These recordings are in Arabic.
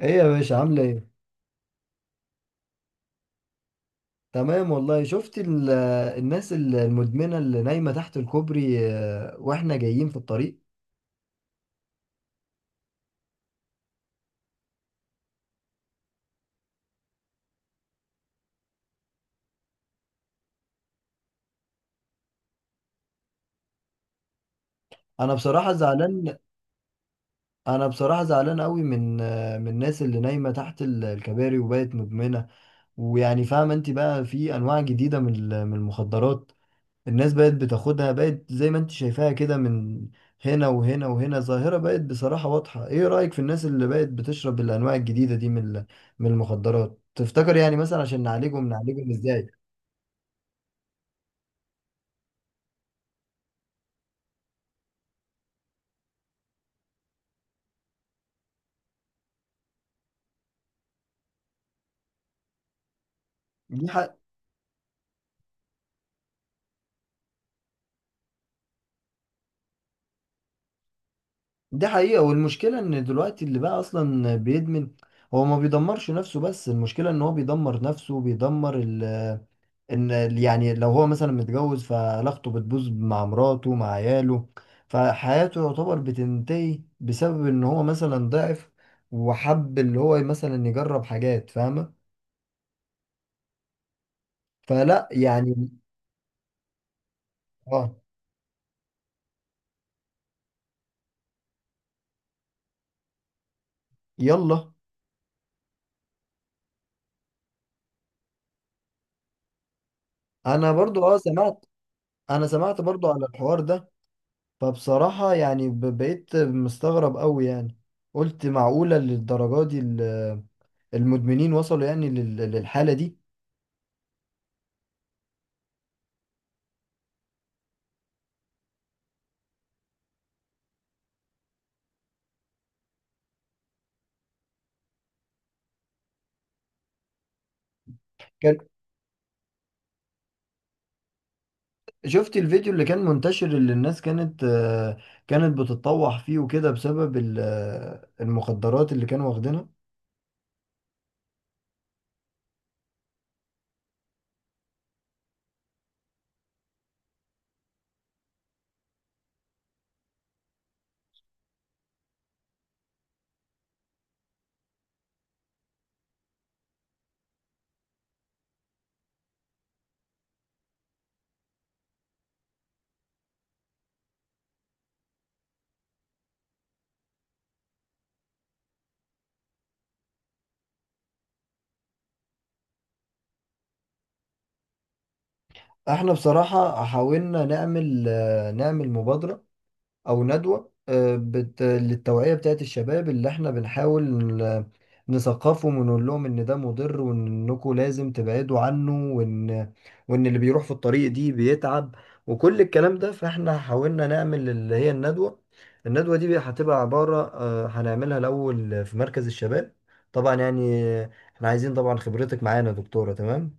ايه يا باشا؟ عامله ايه؟ تمام والله. شفت الناس المدمنه اللي نايمه تحت الكوبري واحنا جايين في الطريق. انا بصراحه زعلان. انا بصراحه زعلان قوي من من الناس اللي نايمه تحت الكباري وبقت مدمنه. ويعني فاهمه انت، بقى في انواع جديده من من المخدرات. الناس بقت بتاخدها، بقت زي ما انت شايفاها كده، من هنا وهنا وهنا. ظاهرة بقت بصراحة واضحة. ايه رأيك في الناس اللي بقت بتشرب الانواع الجديدة دي من من المخدرات؟ تفتكر يعني مثلا عشان نعالجهم، نعالجهم ازاي؟ دي حق، دي حقيقة. والمشكلة ان دلوقتي اللي بقى اصلا بيدمن هو ما بيدمرش نفسه بس، المشكلة ان هو بيدمر نفسه، بيدمر ان يعني لو هو مثلا متجوز، فعلاقته بتبوظ مع مراته، مع عياله، فحياته يعتبر بتنتهي بسبب ان هو مثلا ضعف وحب اللي هو مثلا يجرب حاجات. فاهمة؟ فلا يعني. اه، يلا. انا برضو اه سمعت، انا سمعت برضو على الحوار ده. فبصراحة يعني بقيت مستغرب قوي يعني. قلت معقولة للدرجة دي المدمنين وصلوا يعني للحالة دي؟ شفت الفيديو اللي كان منتشر، اللي الناس كانت كانت بتتطوح فيه وكده بسبب المخدرات اللي كانوا واخدينها. احنا بصراحة حاولنا نعمل، نعمل مبادرة او ندوه للتوعيه بتاعت الشباب، اللي احنا بنحاول نثقفهم ونقول لهم ان ده مضر، وانكم لازم تبعدوا عنه، وان اللي بيروح في الطريق دي بيتعب. وكل الكلام ده، فاحنا حاولنا نعمل اللي هي الندوه. الندوه دي هتبقى عباره هنعملها الاول في مركز الشباب. طبعا يعني احنا عايزين طبعا خبرتك معانا يا دكتوره. تمام،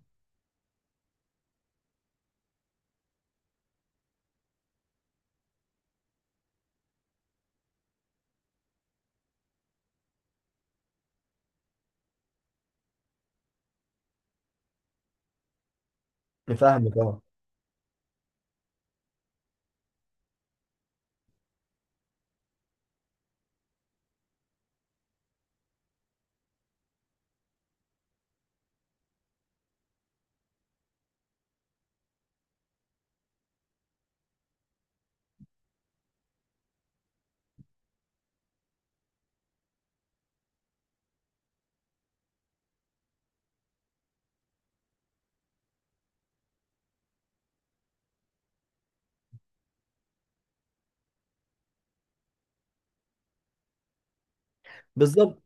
نفهمك. اه بالظبط.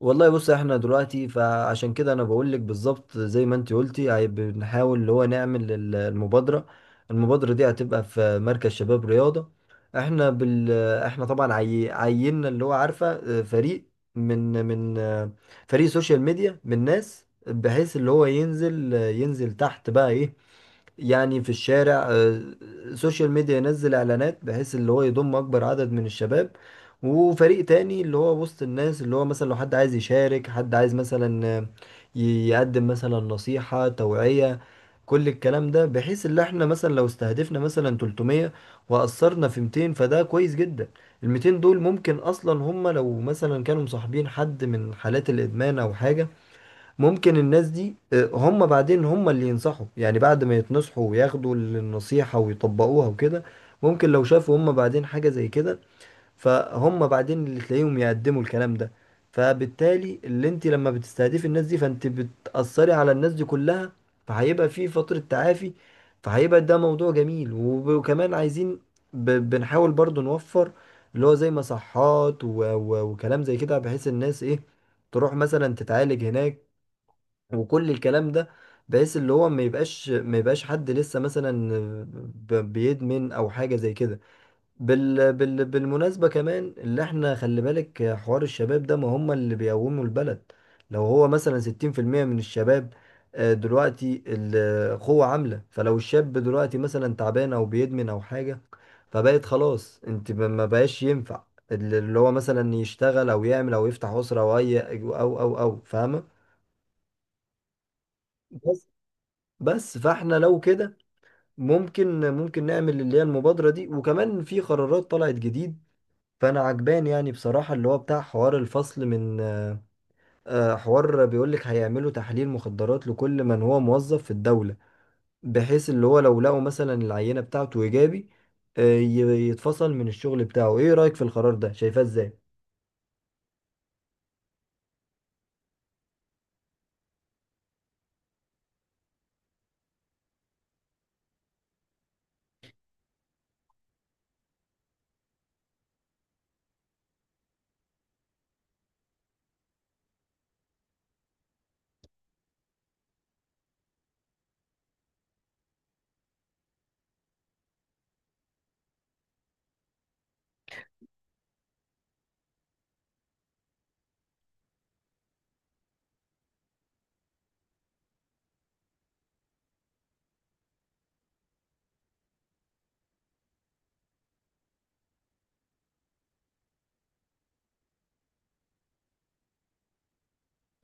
والله بص، احنا دلوقتي فعشان كده انا بقول لك بالظبط زي ما انت قلتي. بنحاول اللي هو نعمل المبادرة. المبادرة دي هتبقى في مركز شباب رياضة. احنا احنا طبعا عيننا اللي هو عارفة، اه، فريق، من اه، فريق سوشيال ميديا من ناس، بحيث اللي هو ينزل تحت بقى ايه، يعني في الشارع، سوشيال ميديا، ينزل اعلانات بحيث اللي هو يضم اكبر عدد من الشباب. وفريق تاني اللي هو وسط الناس، اللي هو مثلا لو حد عايز يشارك، حد عايز مثلا يقدم مثلا نصيحة توعية. كل الكلام ده، بحيث اللي احنا مثلا لو استهدفنا مثلا 300 وأثرنا في 200، فده كويس جدا. ال 200 دول ممكن اصلا هم لو مثلا كانوا مصاحبين حد من حالات الادمان او حاجة، ممكن الناس دي هم بعدين هم اللي ينصحوا، يعني بعد ما يتنصحوا وياخدوا النصيحة ويطبقوها وكده، ممكن لو شافوا هم بعدين حاجة زي كده، فهم بعدين اللي تلاقيهم يقدموا الكلام ده. فبالتالي اللي انت لما بتستهدفي الناس دي، فانت بتأثري على الناس دي كلها، فهيبقى في فترة تعافي. فهيبقى ده موضوع جميل. وكمان عايزين، بنحاول برضو نوفر اللي هو زي مصحات وكلام زي كده، بحيث الناس ايه، تروح مثلا تتعالج هناك وكل الكلام ده، بحيث اللي هو ما يبقاش حد لسه مثلا بيدمن او حاجه زي كده. بالمناسبه، كمان اللي احنا خلي بالك، حوار الشباب ده، ما هم اللي بيقوموا البلد. لو هو مثلا 60% من الشباب دلوقتي القوة عاملة، فلو الشاب دلوقتي مثلا تعبان او بيدمن او حاجة، فبقت خلاص، انت ما بقاش ينفع اللي هو مثلا يشتغل او يعمل او يفتح اسرة او اي او فاهمة؟ بس فاحنا لو كده، ممكن نعمل اللي هي المبادرة دي. وكمان في قرارات طلعت جديد، فانا عجبان يعني بصراحة اللي هو بتاع حوار الفصل من حوار بيقولك هيعملوا تحليل مخدرات لكل من هو موظف في الدولة، بحيث اللي هو لو لقوا مثلا العينة بتاعته ايجابي، يتفصل من الشغل بتاعه. ايه رأيك في القرار ده؟ شايفاه ازاي؟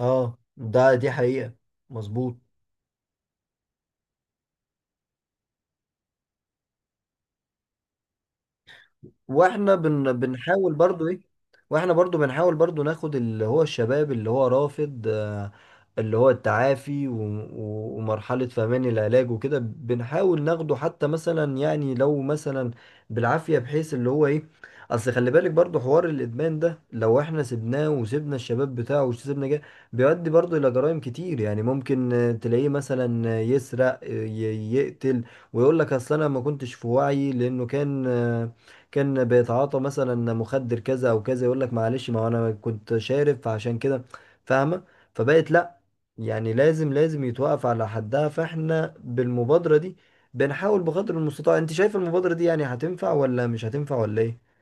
اه ده دي حقيقة، مظبوط. واحنا بنحاول برضو ايه، واحنا برضو بنحاول برضو ناخد اللي هو الشباب اللي هو رافض اللي هو التعافي ومرحلة فهمان العلاج وكده، بنحاول ناخده حتى مثلا يعني لو مثلا بالعافية، بحيث اللي هو ايه، اصل خلي بالك برضو، حوار الادمان ده لو احنا سيبناه وسيبنا الشباب بتاعه وسيبنا جه، بيؤدي برضو الى جرائم كتير. يعني ممكن تلاقيه مثلا يسرق، يقتل، ويقول لك اصل انا ما كنتش في وعي لانه كان كان بيتعاطى مثلا مخدر كذا او كذا، يقول لك معلش ما هو انا كنت شارب فعشان كده. فاهمه؟ فبقت لا، يعني لازم يتوقف على حدها. فاحنا بالمبادره دي بنحاول بقدر المستطاع. انت شايف المبادره دي يعني هتنفع ولا مش هتنفع ولا ايه؟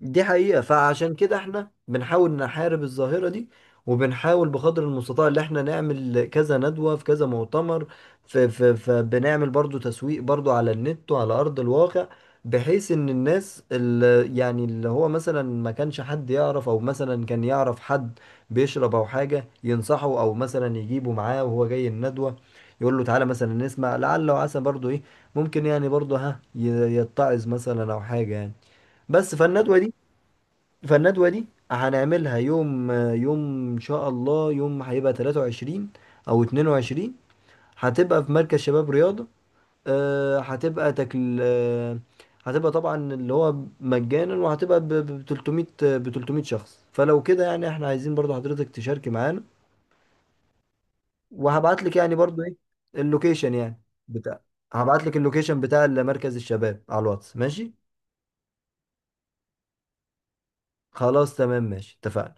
دي حقيقة، فعشان كده احنا بنحاول نحارب الظاهرة دي، وبنحاول بقدر المستطاع اللي احنا نعمل كذا ندوة في كذا مؤتمر. فبنعمل برضو تسويق برضو على النت وعلى أرض الواقع، بحيث ان الناس اللي يعني اللي هو مثلا ما كانش حد يعرف، او مثلا كان يعرف حد بيشرب او حاجة، ينصحه او مثلا يجيبه معاه وهو جاي الندوة، يقول له تعالى مثلا نسمع لعل وعسى برضو ايه، ممكن يعني برضو ها يتعظ مثلا او حاجة يعني. بس فالندوة دي، فالندوة دي هنعملها يوم، يوم إن شاء الله، يوم هيبقى 23 أو 22. هتبقى في مركز شباب رياضة. هتبقى تكل آه، هتبقى طبعا اللي هو مجانا، وهتبقى ب 300، ب 300 شخص. فلو كده يعني احنا عايزين برضو حضرتك تشاركي معانا، وهبعت لك يعني برضو ايه، اللوكيشن يعني بتاع، هبعت لك اللوكيشن بتاع مركز الشباب على الواتس. ماشي؟ خلاص تمام، ماشي، اتفقنا.